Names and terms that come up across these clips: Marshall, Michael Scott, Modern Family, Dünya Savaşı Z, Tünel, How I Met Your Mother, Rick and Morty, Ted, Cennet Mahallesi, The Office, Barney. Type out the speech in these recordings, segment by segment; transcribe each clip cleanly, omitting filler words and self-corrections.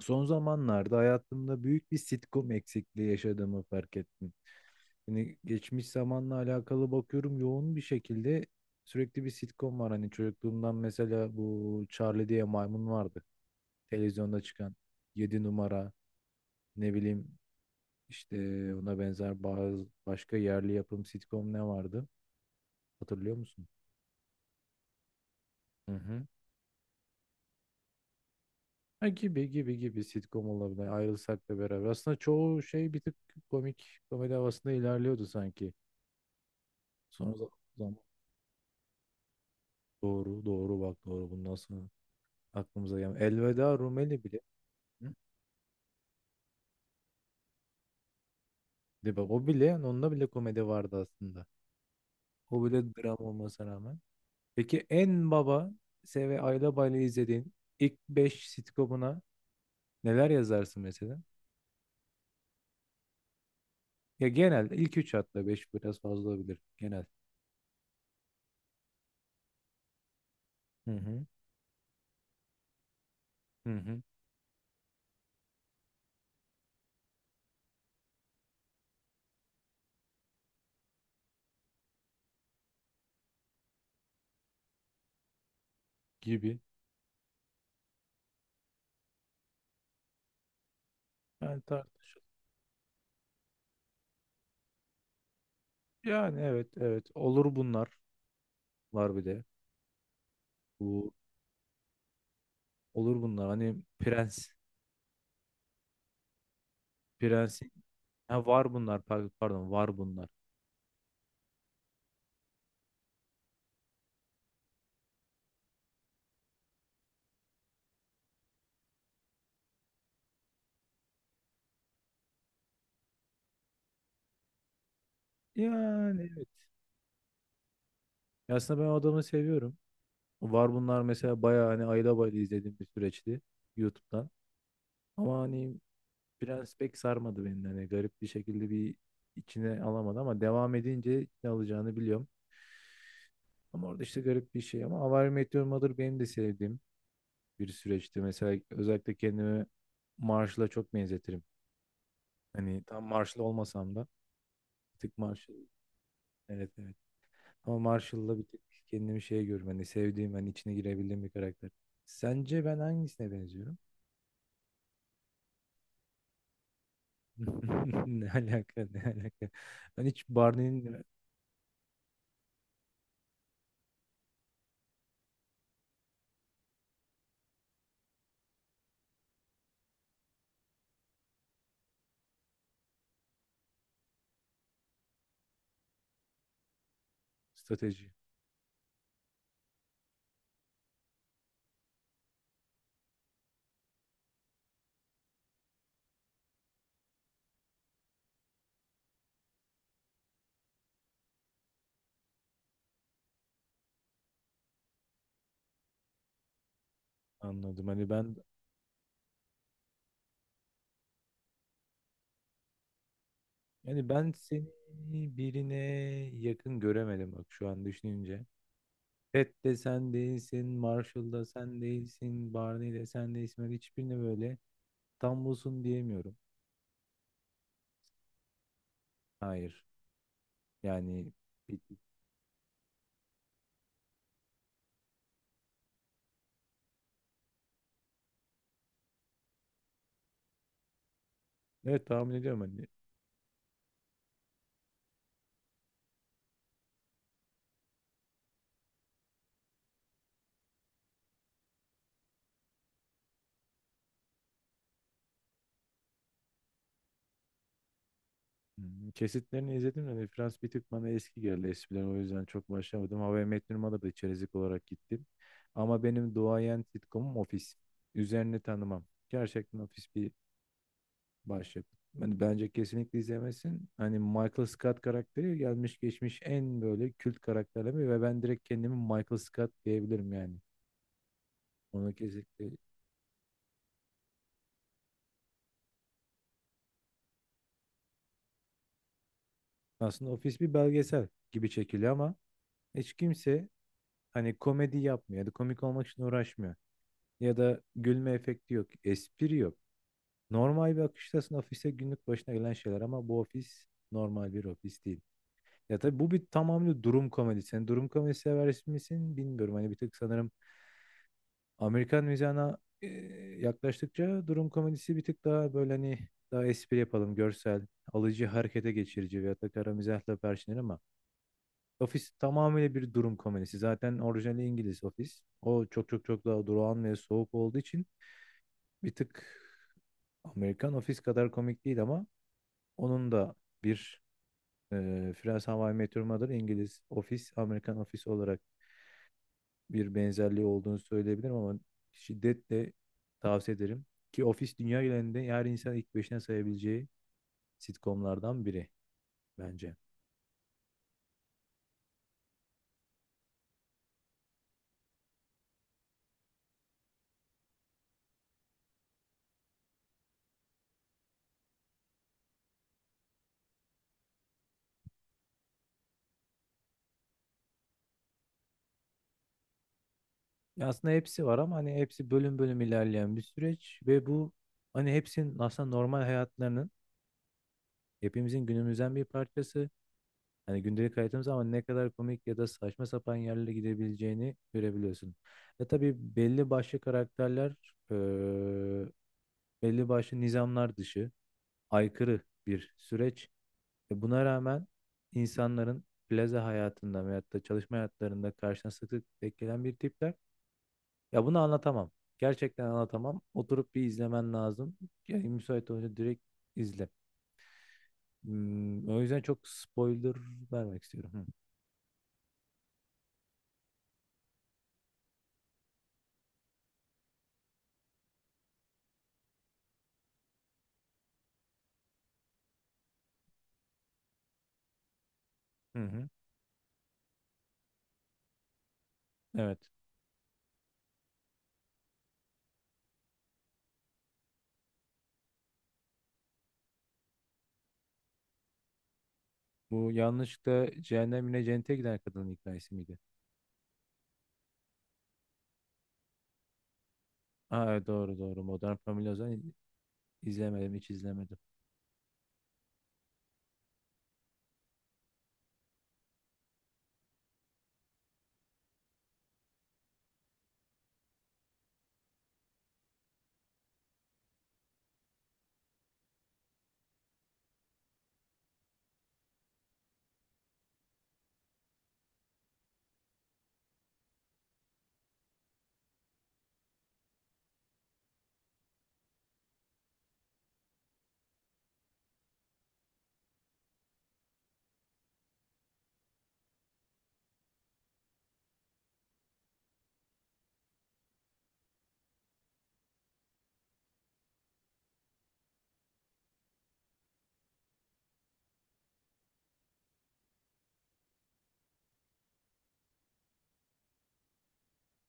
Son zamanlarda hayatımda büyük bir sitcom eksikliği yaşadığımı fark ettim. Hani geçmiş zamanla alakalı bakıyorum yoğun bir şekilde sürekli bir sitcom var. Hani çocukluğumdan mesela bu Charlie diye maymun vardı. Televizyonda çıkan 7 numara, ne bileyim işte ona benzer bazı başka yerli yapım sitcom ne vardı? Hatırlıyor musun? Hı hı. Ha, gibi gibi gibi sitcom olabilir. Ayrılsak da beraber. Aslında çoğu şey bir tık komik, komedi havasında ilerliyordu sanki. Son zamanlarda. Doğru, doğru bak, doğru. Bundan nasıl aklımıza gelmiyor. Elveda Rumeli bile. Hı? De bak, o bile, yani onda bile komedi vardı aslında. O bile dram olmasına rağmen. Peki en baba Se ve Ayla Bayla izlediğin ilk 5 sitcomuna neler yazarsın mesela? Ya, genel ilk 3 hatta 5 biraz fazla olabilir. Genel. Hı hı. Hı hı. Gibi. Yani tartışılır. Yani evet, evet. Olur bunlar var bir de. Bu, olur bunlar. Hani prens. Prensin. Ha, var bunlar pardon, var bunlar. Yani evet. Ya, aslında ben o adamı seviyorum. Var bunlar mesela bayağı hani ayda bayda izlediğim bir süreçti YouTube'dan. Ama hani Prens pek sarmadı beni. Hani garip bir şekilde bir içine alamadı ama devam edince ne alacağını biliyorum. Ama orada işte garip bir şey. Ama How I Met Your Mother benim de sevdiğim bir süreçti. Mesela özellikle kendimi Marshall'a çok benzetirim. Hani tam Marshall olmasam da bir tık Marshall. Evet, evet. Ama Marshall'la bir tık kendimi şey görüyorum. Hani sevdiğim, hani içine girebildiğim bir karakter. Sence ben hangisine benziyorum? Ne alaka, ne alaka? Ben hiç Barney'nin strateji anladım. Hani yani ben seni birine yakın göremedim bak, şu an düşününce. Ted de sen değilsin, Marshall da sen değilsin, Barney de sen değilsin. Ben hiçbirine böyle tam busun diyemiyorum. Hayır. Yani bir- evet, tahmin ediyorum hani. Kesitlerini izledim de Frans bir tık bana eski geldi eskiden, o yüzden çok başlamadım. How I Met Your Mother'da da içerik olarak gittim. Ama benim duayen sitcomum Office. Üzerini tanımam. Gerçekten Office bir başyapıt. Yani bence kesinlikle izlemesin. Hani Michael Scott karakteri gelmiş geçmiş en böyle kült karakterleme ve ben direkt kendimi Michael Scott diyebilirim yani. Onu kesinlikle, aslında Office bir belgesel gibi çekiliyor ama hiç kimse hani komedi yapmıyor ya da komik olmak için uğraşmıyor. Ya da gülme efekti yok, espri yok. Normal bir akıştasın, ofise günlük başına gelen şeyler ama bu ofis normal bir ofis değil. Ya tabii bu bir tamamıyla durum komedisi. Yani durum komedisi sever misin bilmiyorum. Hani bir tık sanırım Amerikan mizahına yaklaştıkça durum komedisi bir tık daha böyle hani daha espri yapalım, görsel, alıcı harekete geçirici veya da kara mizahla perçinler ama Office tamamıyla bir durum komedisi. Zaten orijinali İngiliz Office. O çok çok çok daha durağan ve soğuk olduğu için bir tık Amerikan Office kadar komik değil ama onun da bir e, Friends, How I Met Your Mother, İngiliz Office, Amerikan Office olarak bir benzerliği olduğunu söyleyebilirim ama şiddetle tavsiye ederim. Ki Office dünya genelinde yer, insan ilk beşine sayabileceği sitcomlardan biri bence. Ya, aslında hepsi var ama hani hepsi bölüm bölüm ilerleyen bir süreç ve bu hani hepsinin aslında normal hayatlarının, hepimizin günümüzden bir parçası. Hani gündelik hayatımız ama ne kadar komik ya da saçma sapan yerlere gidebileceğini görebiliyorsun. Ve tabii belli başlı karakterler, eee, belli başlı nizamlar dışı, aykırı bir süreç. Ve buna rağmen insanların plaza hayatında veyahut da çalışma hayatlarında karşına sık sık denk gelen bir tipler. Ya bunu anlatamam. Gerçekten anlatamam. Oturup bir izlemen lazım. Yani müsait olunca direkt izle. O yüzden çok spoiler vermek istiyorum. Hı hı. Hı. Evet. Bu yanlışlıkla cehennemine, cennete giden kadının hikayesi miydi? Aa, evet, doğru doğru. Modern Family o zaman izlemedim, hiç izlemedim.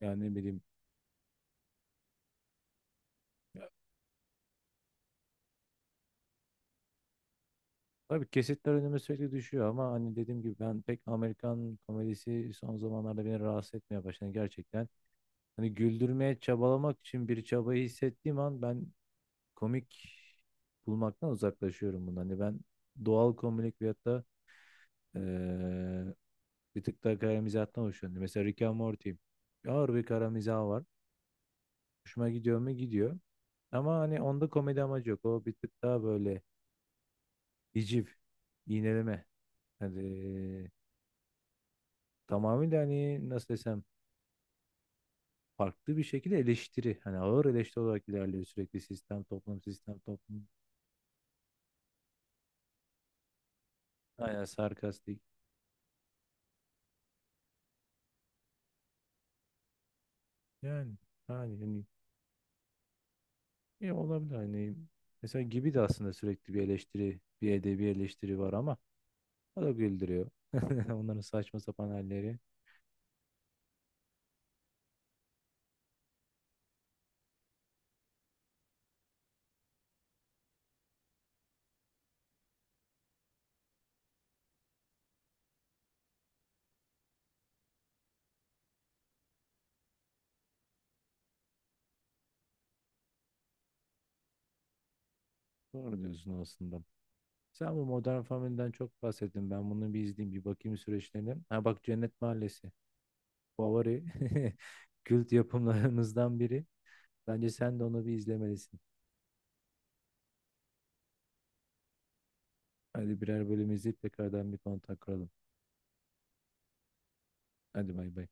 Yani ne bileyim. Ya, tabii kesitler önüme sürekli düşüyor ama hani dediğim gibi ben pek Amerikan komedisi son zamanlarda beni rahatsız etmeye başladı gerçekten. Hani güldürmeye çabalamak için bir çabayı hissettiğim an ben komik bulmaktan uzaklaşıyorum bundan. Hani ben doğal komik veyahut da eee, bir tık daha kara mizahtan hoşlanıyorum. Mesela Rick and Morty. Ağır bir kara mizah var. Hoşuma gidiyor mu? Gidiyor. Ama hani onda komedi amacı yok. O bir tık daha böyle hiciv, iğneleme. Hani tamamıyla, hani nasıl desem, farklı bir şekilde eleştiri. Hani ağır eleştiri olarak ilerliyor sürekli, sistem, toplum, sistem, toplum. Aynen, sarkastik. Yani hani, hani olabilir hani mesela Gibi de aslında sürekli bir eleştiri, bir edebi eleştiri var ama o da güldürüyor. Onların saçma sapan halleri. Doğru diyorsun aslında. Sen bu Modern Family'den çok bahsettin. Ben bunu bir izleyeyim, bir bakayım süreçlerine. Ha bak, Cennet Mahallesi. Favori kült yapımlarımızdan biri. Bence sen de onu bir izlemelisin. Hadi birer bölüm izleyip tekrardan bir kontak kuralım. Hadi bay bay.